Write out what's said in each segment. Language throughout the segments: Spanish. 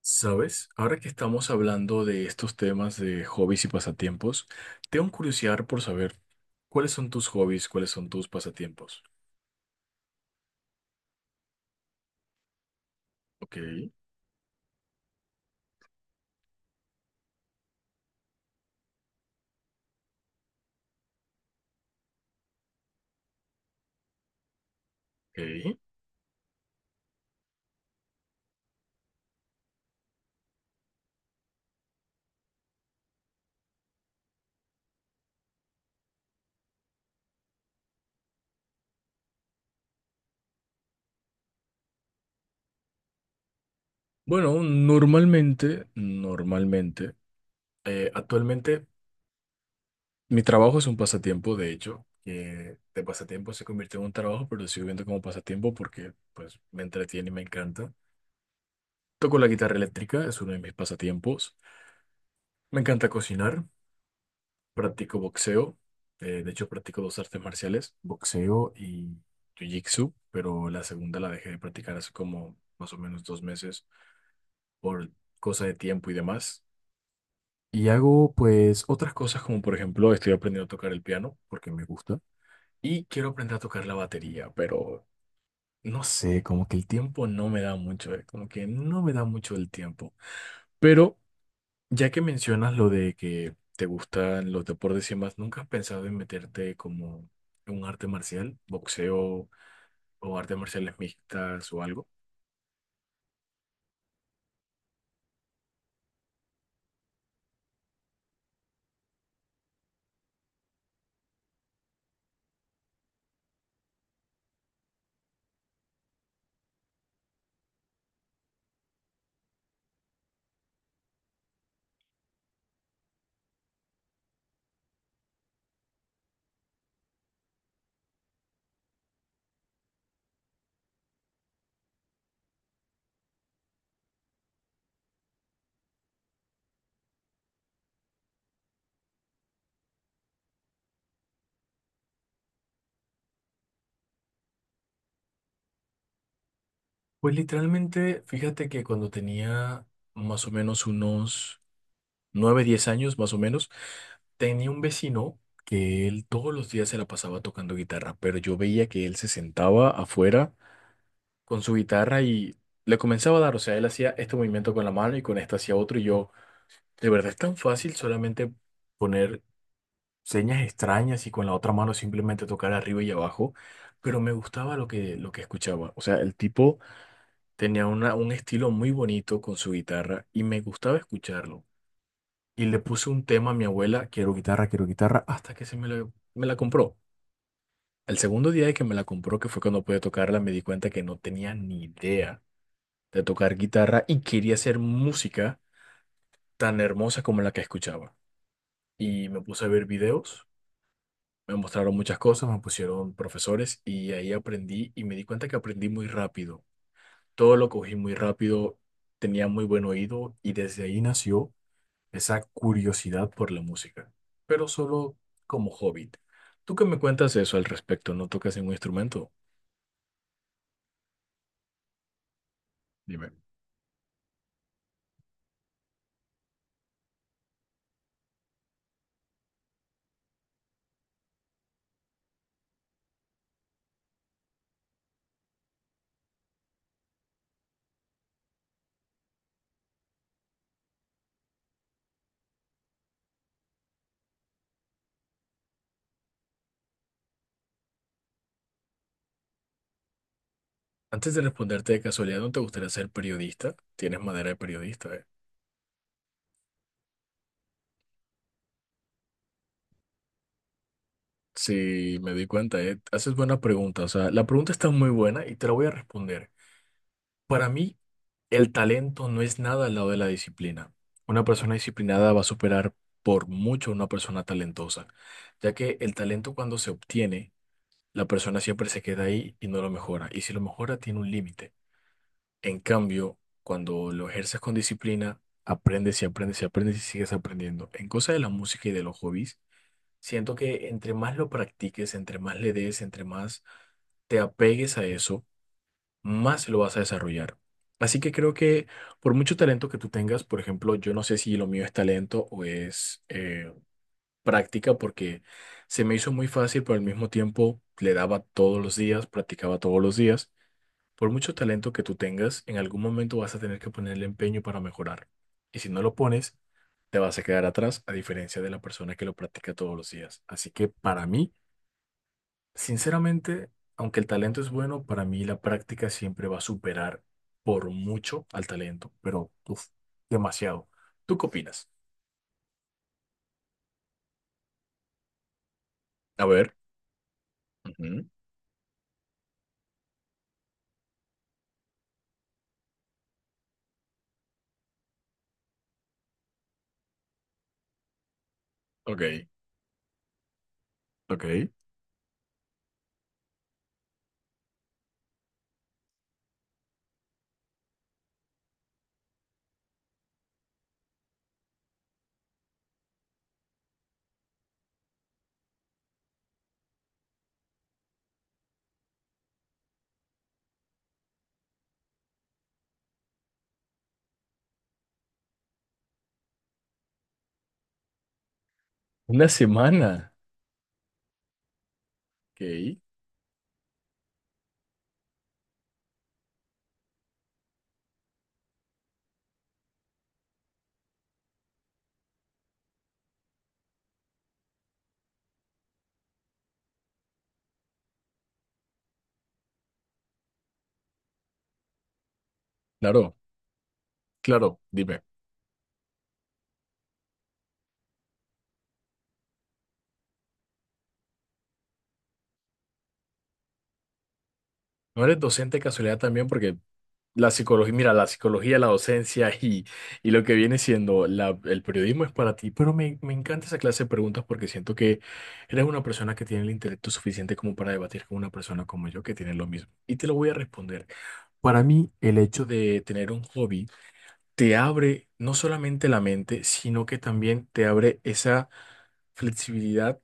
¿Sabes? Ahora que estamos hablando de estos temas de hobbies y pasatiempos, tengo curiosidad por saber cuáles son tus hobbies, cuáles son tus pasatiempos. Ok, ok. Bueno, normalmente, normalmente, actualmente mi trabajo es un pasatiempo, de hecho, que de pasatiempo se convirtió en un trabajo, pero lo sigo viendo como pasatiempo porque pues me entretiene y me encanta. Toco la guitarra eléctrica, es uno de mis pasatiempos. Me encanta cocinar, practico boxeo. De hecho, practico dos artes marciales, boxeo y jiu-jitsu, pero la segunda la dejé de practicar hace como más o menos 2 meses por cosa de tiempo y demás. Y hago pues otras cosas como por ejemplo estoy aprendiendo a tocar el piano porque me gusta y quiero aprender a tocar la batería, pero no sé, como que el tiempo no me da mucho, como que no me da mucho el tiempo. Pero ya que mencionas lo de que te gustan los deportes y más, ¿nunca has pensado en meterte como en un arte marcial, boxeo o artes marciales mixtas o algo? Pues literalmente, fíjate que cuando tenía más o menos unos 9 10 años, más o menos, tenía un vecino que él todos los días se la pasaba tocando guitarra, pero yo veía que él se sentaba afuera con su guitarra y le comenzaba a dar, o sea, él hacía este movimiento con la mano y con esta hacía otro y yo. De verdad es tan fácil solamente poner señas extrañas y con la otra mano simplemente tocar arriba y abajo, pero me gustaba lo que escuchaba. O sea, el tipo tenía una, un estilo muy bonito con su guitarra y me gustaba escucharlo. Y le puse un tema a mi abuela, quiero guitarra, hasta que me la compró. El segundo día de que me la compró, que fue cuando pude tocarla, me di cuenta que no tenía ni idea de tocar guitarra y quería hacer música tan hermosa como la que escuchaba. Y me puse a ver videos. Me mostraron muchas cosas, me pusieron profesores y ahí aprendí y me di cuenta que aprendí muy rápido. Todo lo cogí muy rápido, tenía muy buen oído y desde ahí nació esa curiosidad por la música, pero solo como hobby. ¿Tú qué me cuentas eso al respecto? ¿No tocas ningún instrumento? Dime. Antes de responderte de casualidad, ¿no te gustaría ser periodista? Tienes madera de periodista, ¿eh? Sí, me di cuenta, ¿eh? Haces buena pregunta, o sea, la pregunta está muy buena y te la voy a responder. Para mí, el talento no es nada al lado de la disciplina. Una persona disciplinada va a superar por mucho a una persona talentosa, ya que el talento cuando se obtiene, la persona siempre se queda ahí y no lo mejora. Y si lo mejora, tiene un límite. En cambio, cuando lo ejerces con disciplina, aprendes y aprendes y aprendes y sigues aprendiendo. En cosa de la música y de los hobbies, siento que entre más lo practiques, entre más le des, entre más te apegues a eso, más lo vas a desarrollar. Así que creo que por mucho talento que tú tengas, por ejemplo, yo no sé si lo mío es talento o es práctica, porque se me hizo muy fácil, pero al mismo tiempo le daba todos los días, practicaba todos los días. Por mucho talento que tú tengas, en algún momento vas a tener que ponerle empeño para mejorar. Y si no lo pones, te vas a quedar atrás, a diferencia de la persona que lo practica todos los días. Así que para mí, sinceramente, aunque el talento es bueno, para mí la práctica siempre va a superar por mucho al talento, pero uf, demasiado. ¿Tú qué opinas? A ver. Ujú. Ok, ok. Una semana. Ok. Claro, claro, dime. ¿No eres docente de casualidad también? Porque la psicología, mira, la psicología, la docencia y lo que viene siendo el periodismo es para ti, pero me encanta esa clase de preguntas porque siento que eres una persona que tiene el intelecto suficiente como para debatir con una persona como yo que tiene lo mismo. Y te lo voy a responder. Para mí, el hecho de tener un hobby te abre no solamente la mente, sino que también te abre esa flexibilidad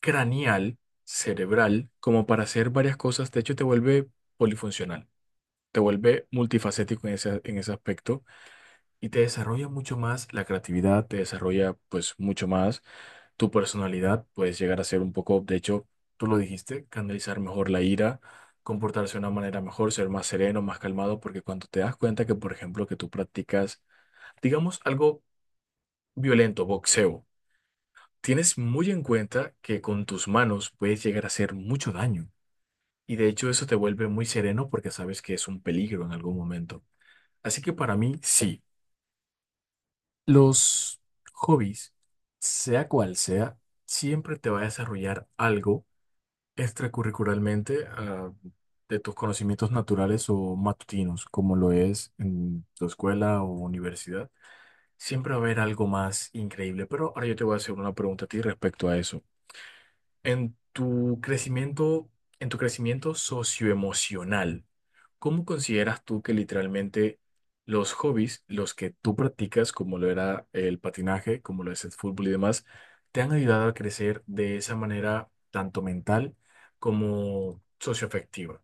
craneal, cerebral, como para hacer varias cosas. De hecho, te vuelve polifuncional, te vuelve multifacético en ese aspecto y te desarrolla mucho más la creatividad, te desarrolla pues mucho más tu personalidad, puedes llegar a ser un poco, de hecho, tú lo dijiste, canalizar mejor la ira, comportarse de una manera mejor, ser más sereno, más calmado, porque cuando te das cuenta que, por ejemplo, que tú practicas, digamos, algo violento, boxeo, tienes muy en cuenta que con tus manos puedes llegar a hacer mucho daño. Y de hecho eso te vuelve muy sereno porque sabes que es un peligro en algún momento. Así que para mí, sí, los hobbies, sea cual sea, siempre te va a desarrollar algo extracurricularmente, de tus conocimientos naturales o matutinos, como lo es en tu escuela o universidad. Siempre va a haber algo más increíble, pero ahora yo te voy a hacer una pregunta a ti respecto a eso. En tu crecimiento, en tu crecimiento socioemocional, ¿cómo consideras tú que literalmente los hobbies, los que tú practicas, como lo era el patinaje, como lo es el fútbol y demás, te han ayudado a crecer de esa manera tanto mental como socioafectiva?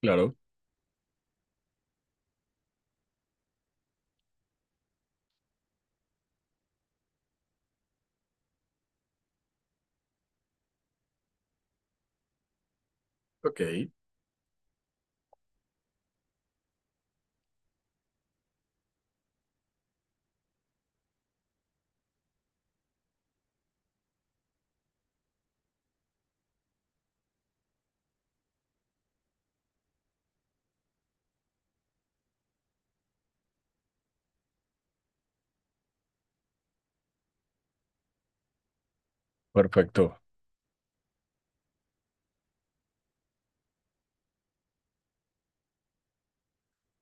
Claro. Ok, perfecto.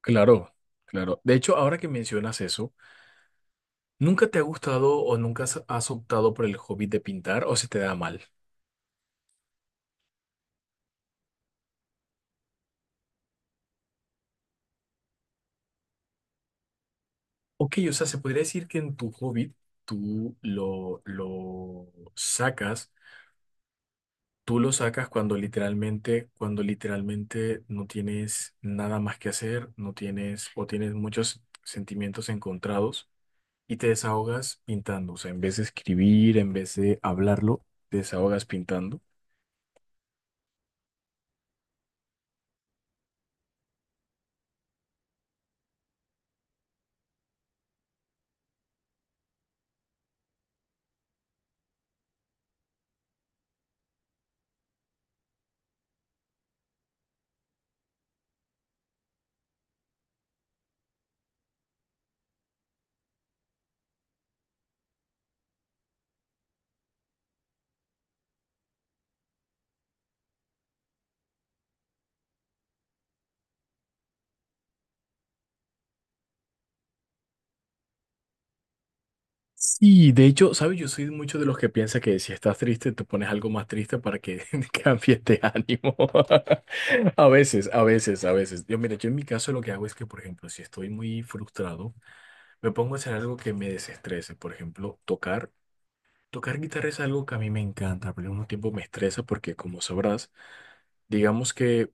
Claro, claro. De hecho, ahora que mencionas eso, ¿nunca te ha gustado o nunca has optado por el hobby de pintar o se te da mal? Ok, o sea, se podría decir que en tu Hobbit tú lo sacas, tú lo sacas cuando literalmente no tienes nada más que hacer, no tienes o tienes muchos sentimientos encontrados y te desahogas pintando. O sea, en vez de escribir, en vez de hablarlo, te desahogas pintando. Sí, de hecho, ¿sabes? Yo soy mucho de los que piensa que si estás triste, te pones algo más triste para que cambies de ánimo. A veces, a veces, a veces. Yo, mira, yo en mi caso lo que hago es que, por ejemplo, si estoy muy frustrado, me pongo a hacer algo que me desestrese. Por ejemplo, tocar. Tocar guitarra es algo que a mí me encanta, pero al mismo tiempo me estresa porque, como sabrás, digamos que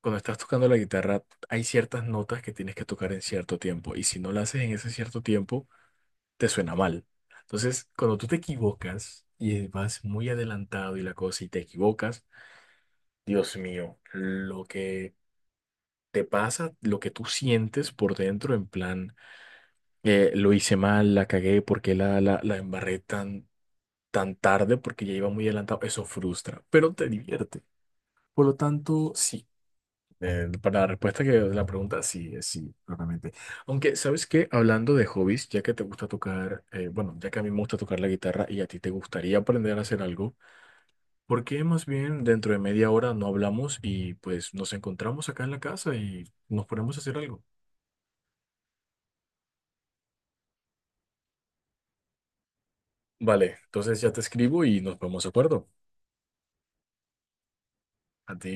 cuando estás tocando la guitarra hay ciertas notas que tienes que tocar en cierto tiempo y si no las haces en ese cierto tiempo, te suena mal. Entonces, cuando tú te equivocas y vas muy adelantado y la cosa y te equivocas, Dios mío, lo que te pasa, lo que tú sientes por dentro, en plan, lo hice mal, la cagué, porque la embarré tan, tan tarde, porque ya iba muy adelantado, eso frustra, pero te divierte. Por lo tanto, sí. Para la respuesta que la pregunta, sí, es sí, claramente. Aunque, ¿sabes qué? Hablando de hobbies, ya que te gusta tocar, bueno, ya que a mí me gusta tocar la guitarra y a ti te gustaría aprender a hacer algo, ¿por qué más bien dentro de media hora no hablamos y pues nos encontramos acá en la casa y nos ponemos a hacer algo? Vale, entonces ya te escribo y nos ponemos de acuerdo. A ti.